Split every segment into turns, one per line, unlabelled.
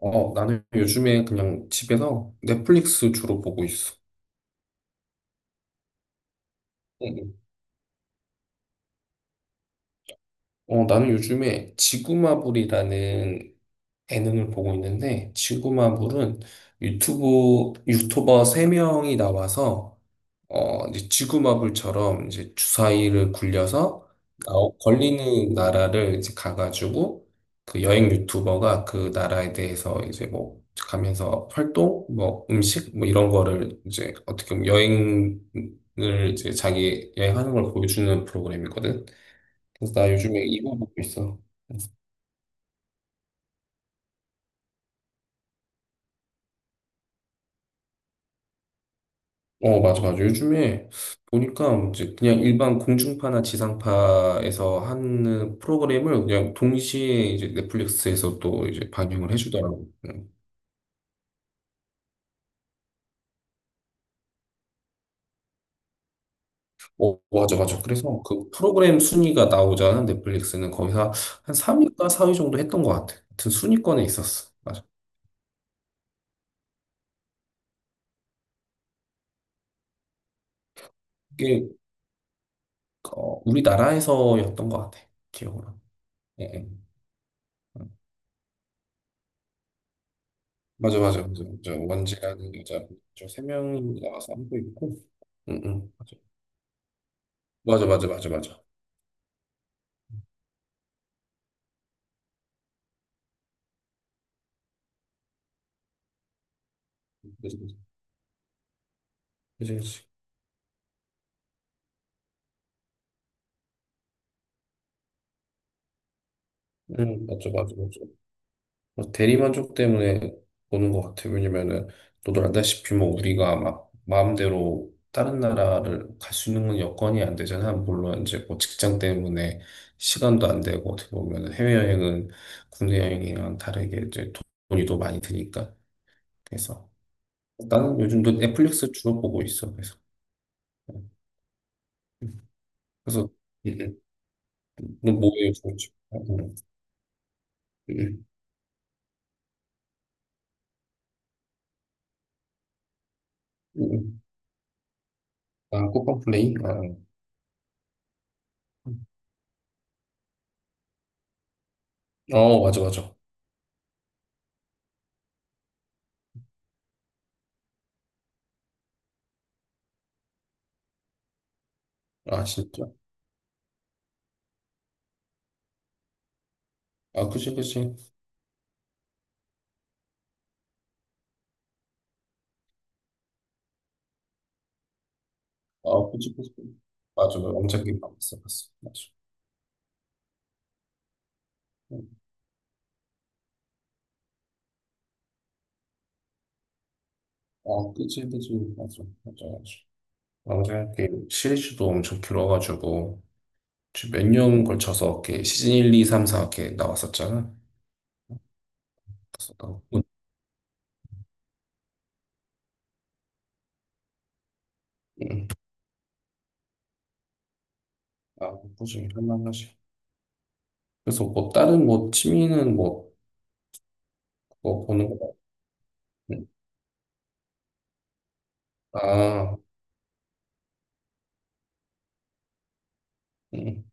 나는 요즘에 그냥 집에서 넷플릭스 주로 보고 있어. 응, 응. 나는 요즘에 지구마블이라는 예능을 보고 있는데, 지구마블은 유튜브 유튜버 세명이 나와서 이제 지구마블처럼 이제 주사위를 굴려서 걸리는 나라를 이제 가가지고, 그 여행 유튜버가 그 나라에 대해서 이제 뭐 가면서 활동 뭐 음식 뭐 이런 거를 이제 어떻게 보면 여행을, 이제 자기 여행하는 걸 보여주는 프로그램이거든. 그래서 나 요즘에 이거 보고 있어. 어, 맞아, 맞아. 요즘에 보니까 이제 그냥 일반 공중파나 지상파에서 하는 프로그램을 그냥 동시에 이제 넷플릭스에서 또 이제 방영을 해주더라고. 응. 어, 맞아, 맞아. 그래서 그 프로그램 순위가 나오잖아. 넷플릭스는 거기서 한 3위가 4위 정도 했던 것 같아. 하여튼 순위권에 있었어. 맞아. 이게 어, 우리나라에서였던 것 같아. 기억으로. 예, 예. 음. 맞아, 맞아, 맞아. 맞아. 원지라는 여자, 저 세 명이 나와서 하고 있고. 응, 응. 맞아, 맞아, 맞아, 맞아. 그치, 그치. 그치. 그치. 맞아, 맞아, 맞아. 뭐 대리만족 때문에 보는 것 같아요. 왜냐면은, 너도 알다시피 뭐 우리가 막 마음대로 다른 나라를 갈 수 있는 건 여건이 안 되잖아. 물론 이제 뭐 직장 때문에 시간도 안 되고, 어떻게 보면은 해외여행은 국내 여행이랑 다르게 이제 돈이 더 많이 드니까. 그래서 나는 요즘도 넷플릭스 주로 보고 있어. 그래서. 응. 그래서, 음, 음. 너 뭐예요, 요즘? 음, 음. 아, 꽃방레이. 아, 어 맞아 맞아. 아 진짜. 아 그치 그치. 아 그치 그치. 맞아 맞아. 왕자 게임 봤어 봤어. 맞아. 음. 아 그치 그치. 맞아 맞아 맞아. 왕자 게임 시리즈도 엄청 길어가지고 몇년 걸쳐서 이렇게 시즌 1, 2, 3, 4 이렇게 나왔었잖아. 그래서 나 음. 아, 꾸준히 할만하지. 그래서 뭐 다른 뭐 취미는 뭐 그거 보는 거 같아. 음. 아. 응,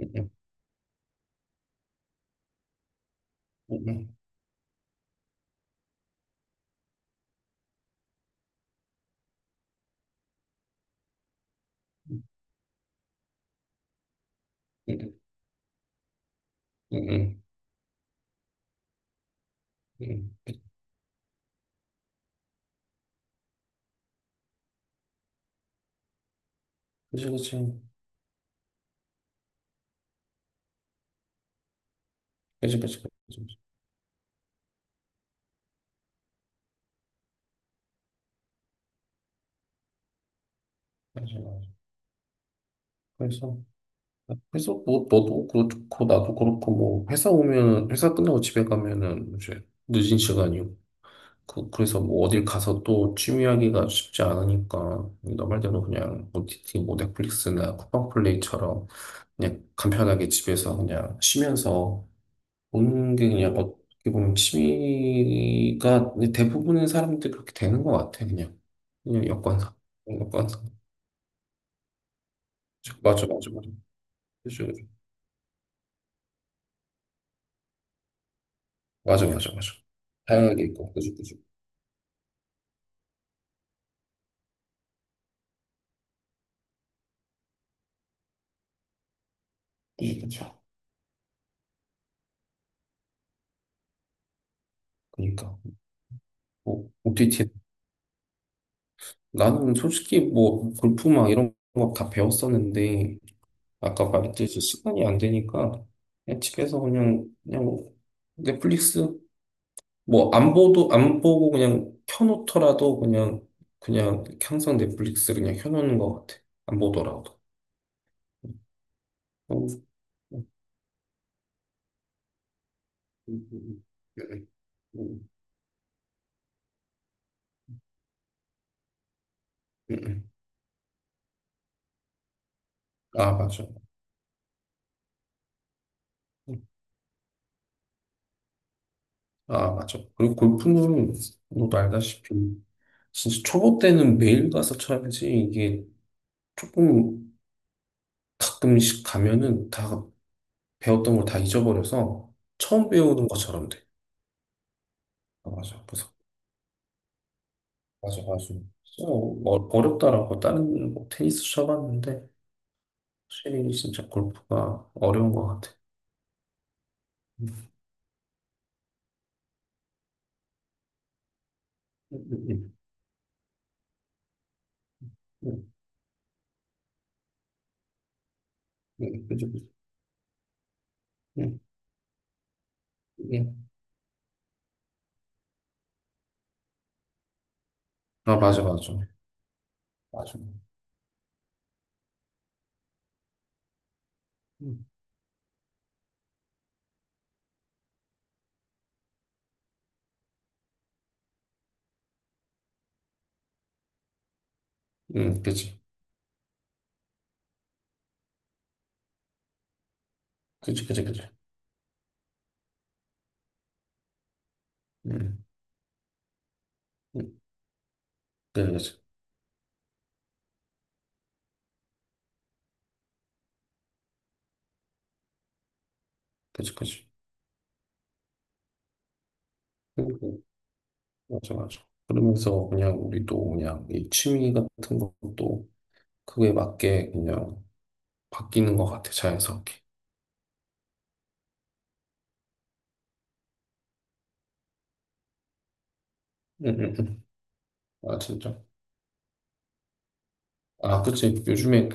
응, 응, 응, 응, 응, 응, 그치, 그치. 그치, 그치, 그치. 그치. 맞아, 맞아. 그래서, 그래서 뭐, 너도 그렇고, 나도 그렇고, 뭐, 회사 오면, 회사 끝나고 집에 가면은 이제 늦은 시간이고, 그래서 뭐, 어딜 가서 또 취미하기가 쉽지 않으니까, 너 말대로 그냥, OTT, 뭐, 넷플릭스나 쿠팡플레이처럼, 그냥 간편하게 집에서 그냥 쉬면서 보는 게 그냥 어떻게 보면 취미가, 대부분의 사람들이 그렇게 되는 것 같아, 그냥. 그냥 여건상. 여건상. 맞아 맞아 맞아. 그죠, 그죠. 맞아, 맞아, 맞아. 다양하게 있고, 그죠, 그죠. 그죠. 그니까 뭐, OTT. 나는 솔직히 뭐, 골프 막 이런 거 다 배웠었는데, 아까 말했듯이 시간이 안 되니까, 그냥 집에서 그냥, 그냥 뭐 넷플릭스, 뭐, 안 보도, 안 보고 그냥 켜놓더라도 그냥, 그냥 항상 넷플릭스 그냥 켜놓는 것 같아. 안 보더라도. 음, 음, 음, 음, 음, 음, 음. 아, 맞아. 아, 맞아. 그리고 골프는 너도 알다시피 진짜 초보 때는 매일 가서 쳐야지, 이게 조금 가끔씩 가면은 다 배웠던 걸 다 잊어버려서 처음 배우는 것처럼 돼. 아, 맞아. 그래서 맞아, 맞아. 진짜 어, 어렵더라고. 다른 뭐 테니스 쳐봤는데 확실히 진짜 골프가 어려운 것 같아. 음, 음, 음, 그치, 그치. 음, 음. 아, 맞아, 맞아. 맞아. 응, 그치. 그치, 그치, 그치. 응. 네, 그아. 그치, 그치. 그리고, 맞아, 맞아. 그러면서 그냥 우리도 그냥 이 취미 같은 것도 그거에 맞게 그냥 바뀌는 것 같아, 자연스럽게. 응, 응, 응. 아, 진짜. 아, 그치. 요즘에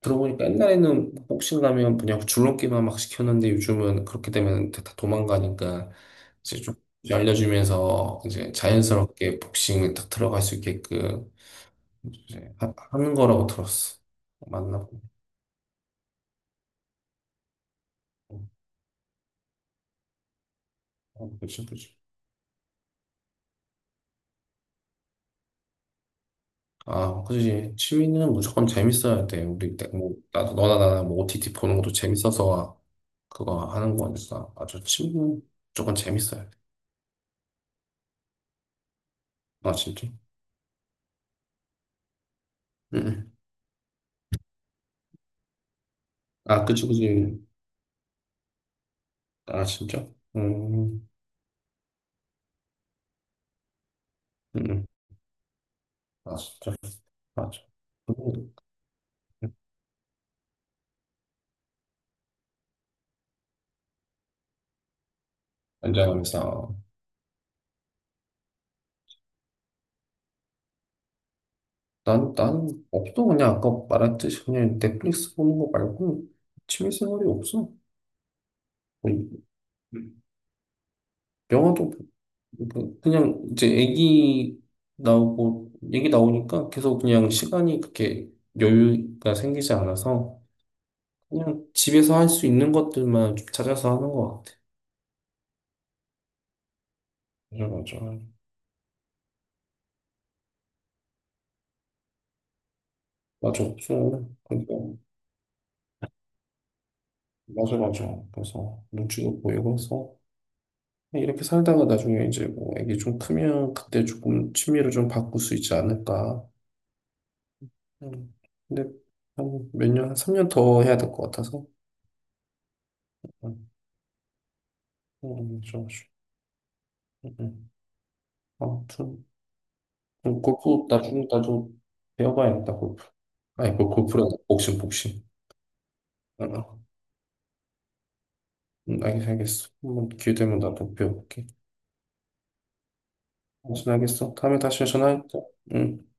들어보니까 옛날에는 복싱 가면 그냥 줄넘기만 막 시켰는데, 요즘은 그렇게 되면 다 도망가니까 이제 좀 알려주면서 이제 자연스럽게 복싱에 딱 들어갈 수 있게끔 이제 는 거라고 들었어. 맞나? 어, 그치, 그치. 아, 그지. 취미는 무조건 재밌어야 돼. 우리, 뭐, 나도, 너나 나나 뭐 OTT 보는 것도 재밌어서 그거 하는 거니까. 아주 취미는 무조건 재밌어야 돼. 아, 진짜? 응. 응. 아, 그지, 그지. 아, 진짜? 음, 응. 응. 아, 진짜. 맞아. 음, 연장하면서. 난, 난 없어. 그냥 아까 말했듯이 그냥 넷플릭스 보는 거 말고 취미생활이 없어. 뭐, 영화도 뭐 그냥 이제 애기 나오고, 애기 나오니까 계속 그냥 시간이 그렇게 여유가 생기지 않아서 그냥 집에서 할 수 있는 것들만 좀 찾아서 하는 것 같아. 맞아, 맞아. 맞아, 없어. 그러니까 맞아, 맞아. 그래서 눈치도 보이고 해서 이렇게 살다가 나중에 이제 뭐 애기 좀 크면 그때 조금 취미를 좀 바꿀 수 있지 않을까. 음. 근데 한 몇 년, 한 3년 더 해야 될 것 같아서. 음, 좀 아쉬. 음. 아무튼. 그럼 골프 나중 나중 배워봐야겠다 골프. 아니 그 골프라 복싱 복싱. 어, 어. 알겠어 알겠어. 한번 기회 되면 나도 배워볼게. 무슨 알겠어. 다음에 다시 전화할게. 응.